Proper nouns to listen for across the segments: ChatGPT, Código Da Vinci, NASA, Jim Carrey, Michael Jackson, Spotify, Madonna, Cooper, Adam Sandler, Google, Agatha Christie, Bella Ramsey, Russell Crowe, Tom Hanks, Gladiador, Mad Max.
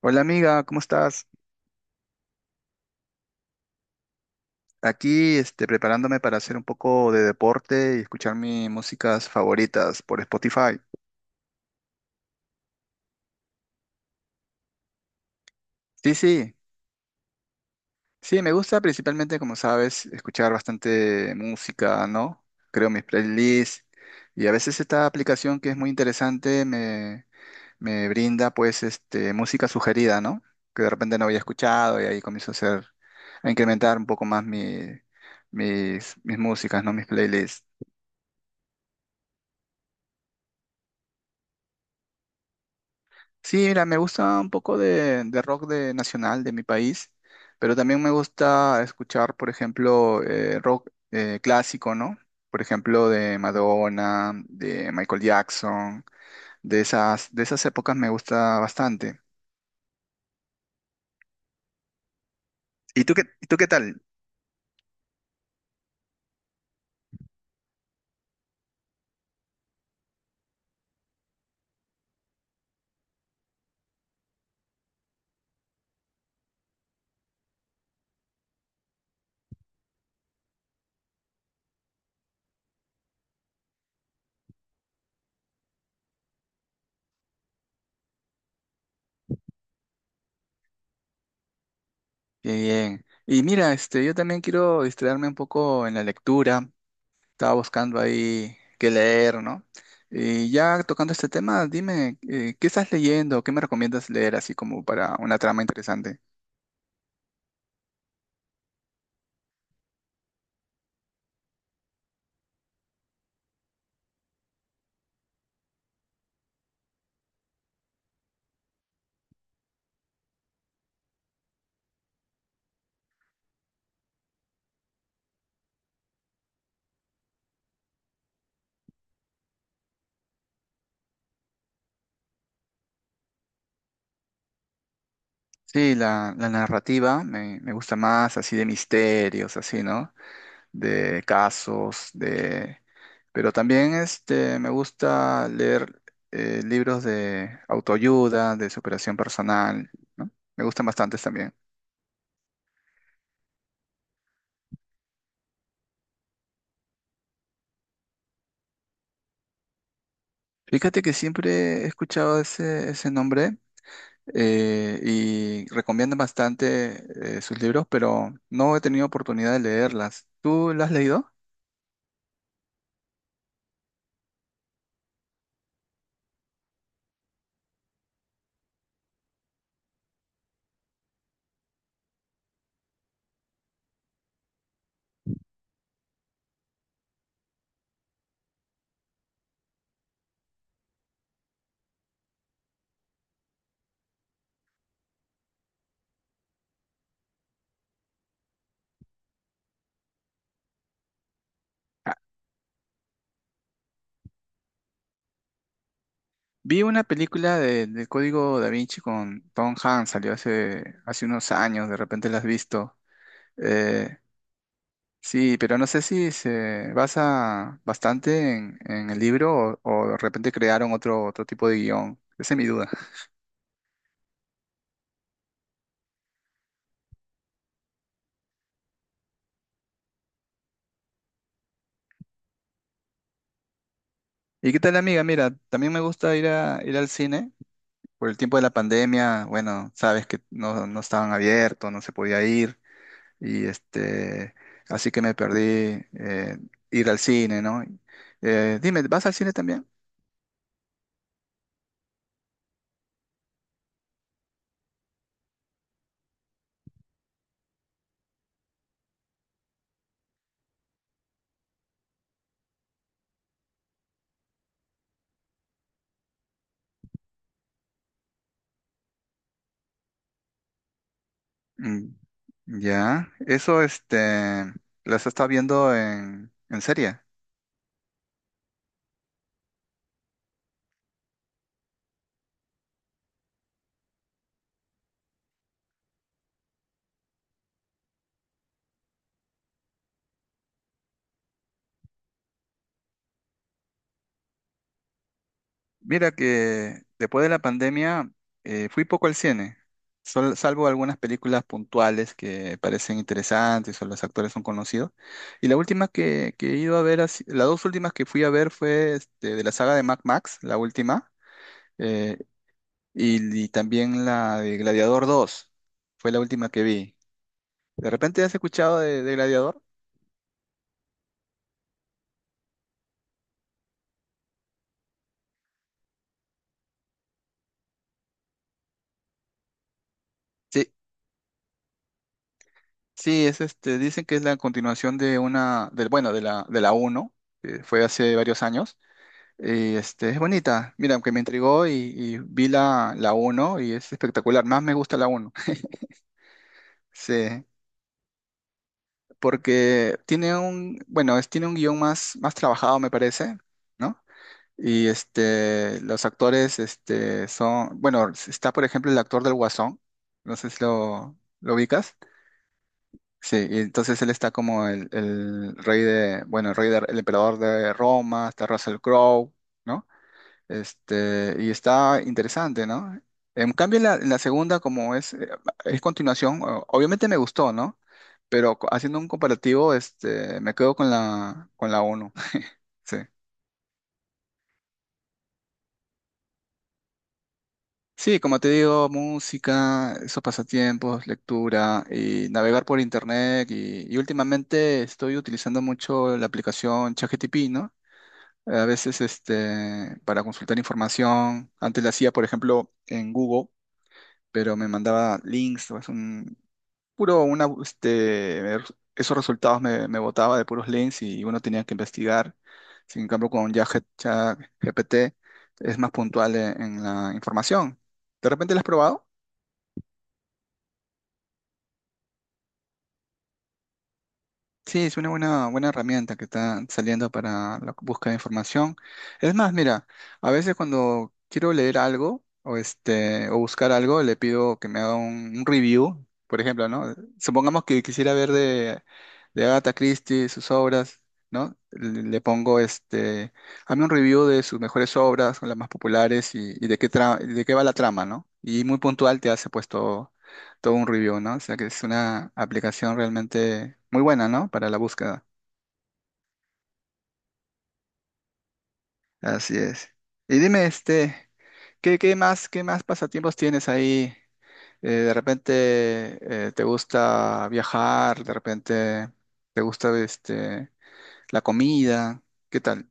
Hola amiga, ¿cómo estás? Aquí preparándome para hacer un poco de deporte y escuchar mis músicas favoritas por Spotify. Sí, sí, sí, me gusta principalmente, como sabes, escuchar bastante música, ¿no? Creo mis playlists y a veces esta aplicación que es muy interesante me brinda pues música sugerida, ¿no? Que de repente no había escuchado y ahí comienzo a incrementar un poco más mis músicas, ¿no? Mis playlists. Sí, mira, me gusta un poco de rock de nacional de mi país, pero también me gusta escuchar, por ejemplo, rock clásico, ¿no? Por ejemplo, de Madonna, de Michael Jackson, de esas épocas me gusta bastante. ¿Y tú qué tal? Bien, bien. Y mira, yo también quiero distraerme un poco en la lectura. Estaba buscando ahí qué leer, ¿no? Y ya tocando este tema, dime, ¿qué estás leyendo? ¿Qué me recomiendas leer así como para una trama interesante? Sí, la narrativa me gusta más, así de misterios, así, ¿no? De casos. Pero también me gusta leer libros de autoayuda, de superación personal, ¿no? Me gustan bastantes también. Fíjate que siempre he escuchado ese nombre, y recomiendan bastante sus libros, pero no he tenido oportunidad de leerlas. ¿Tú las has leído? Ah, vi una película del Código Da Vinci con Tom Hanks, salió hace unos años, de repente la has visto. Eh, sí, pero no sé si se basa bastante en el libro o de repente crearon otro tipo de guión. Esa es mi duda. ¿Y qué tal, amiga? Mira, también me gusta ir al cine. Por el tiempo de la pandemia, bueno, sabes que no, no estaban abiertos, no se podía ir, y así que me perdí eh, ir al cine, ¿no? Dime, ¿vas al cine también? Mm, ya, eso, ¿las estás viendo en serie? Mira que después de la pandemia fui poco al cine, salvo algunas películas puntuales que parecen interesantes o los actores son conocidos. Y la última que he ido a ver, ha si- las dos últimas que fui a ver fue de la saga de Mad Max, la última, eh, y también la de Gladiador dos, fue la última que vi. ¿De repente has escuchado de Gladiador? Sí, sí, dicen que es la continuación bueno, de la uno, que fue hace varios años. Y es bonita. Mira, aunque me intrigó y vi la uno y es espectacular. Más me gusta la uno. Sí, porque tiene un, bueno, es, tiene un guión más, trabajado, me parece, ¿no? Y los actores son, bueno, está por ejemplo el actor del Guasón. No sé si lo ubicas. Sí, y entonces él está como bueno, el emperador de Roma, está Russell Crowe. ¿No? Y está interesante, ¿no? En cambio, en la segunda, como es continuación, obviamente me gustó, ¿no? Pero haciendo un comparativo, me quedo con la uno. Sí. Sí, como te digo, música, esos pasatiempos, lectura y navegar por internet. Y últimamente estoy utilizando mucho la aplicación ChatGPT, ¿no? A veces para consultar información. Antes la hacía, por ejemplo, en Google, pero me mandaba links, puro una, este, er- esos resultados me botaba de puros links y uno tenía que investigar. Sin cambio, con ChatGPT es más puntual en la información. ¿De repente lo has probado? Sí, es una buena, buena herramienta que está saliendo para la búsqueda de información. Es más, mira, a veces cuando quiero leer algo o, o buscar algo, le pido que me haga un review, por ejemplo, ¿no? Supongamos que quisiera ver de Agatha Christie sus obras, ¿no? Le pongo, hazme un review de sus mejores obras, o las más populares y de qué va la trama, ¿no? Y muy puntual te hace puesto todo un review, ¿no? O sea que es una aplicación realmente muy buena, ¿no? Para la búsqueda. Así es. Y dime, ¿qué más pasatiempos tienes ahí? De repente te gusta viajar, de repente te gusta la comida, ¿qué tal?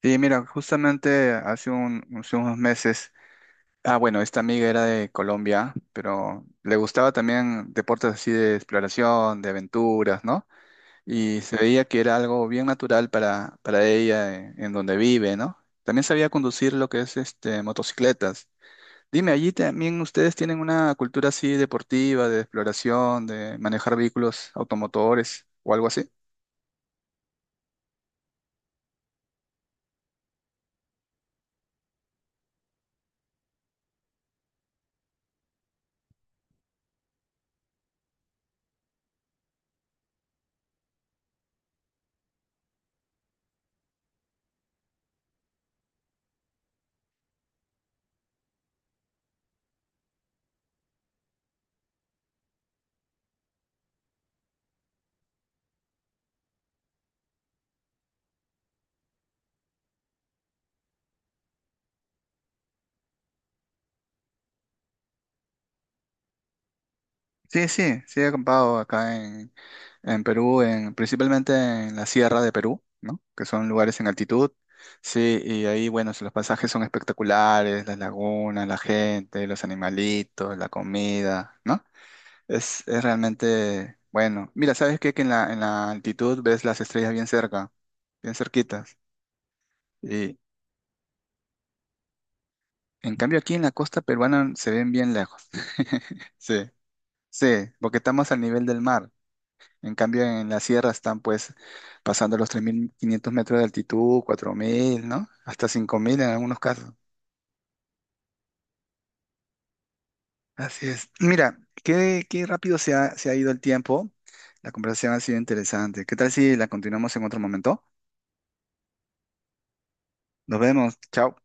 Sí, mira, justamente hace unos meses, ah, bueno, esta amiga era de Colombia, pero le gustaba también deportes así de exploración, de aventuras, ¿no? Y se veía que era algo bien natural para ella en donde vive, ¿no? También sabía conducir lo que es motocicletas. Dime, allí también ustedes tienen una cultura así deportiva, de exploración, de manejar vehículos automotores o algo así. Sí, sí, sí he acampado acá en Perú, principalmente en la sierra de Perú, ¿no? Que son lugares en altitud. Sí, y ahí, bueno, los pasajes son espectaculares, las lagunas, la gente, los animalitos, la comida, ¿no? Es realmente bueno. Mira, ¿sabes qué? Que en la altitud ves las estrellas bien cerca, bien cerquitas. Y en cambio aquí en la costa peruana se ven bien lejos. Sí, sí, porque estamos al nivel del mar. En cambio en la sierra están pues pasando los 3.500 metros de altitud, 4.000, ¿no? Hasta 5.000 en algunos casos. Así es. Mira, qué rápido se ha ido el tiempo. La conversación ha sido interesante. ¿Qué tal si la continuamos en otro momento? Nos vemos. Chao.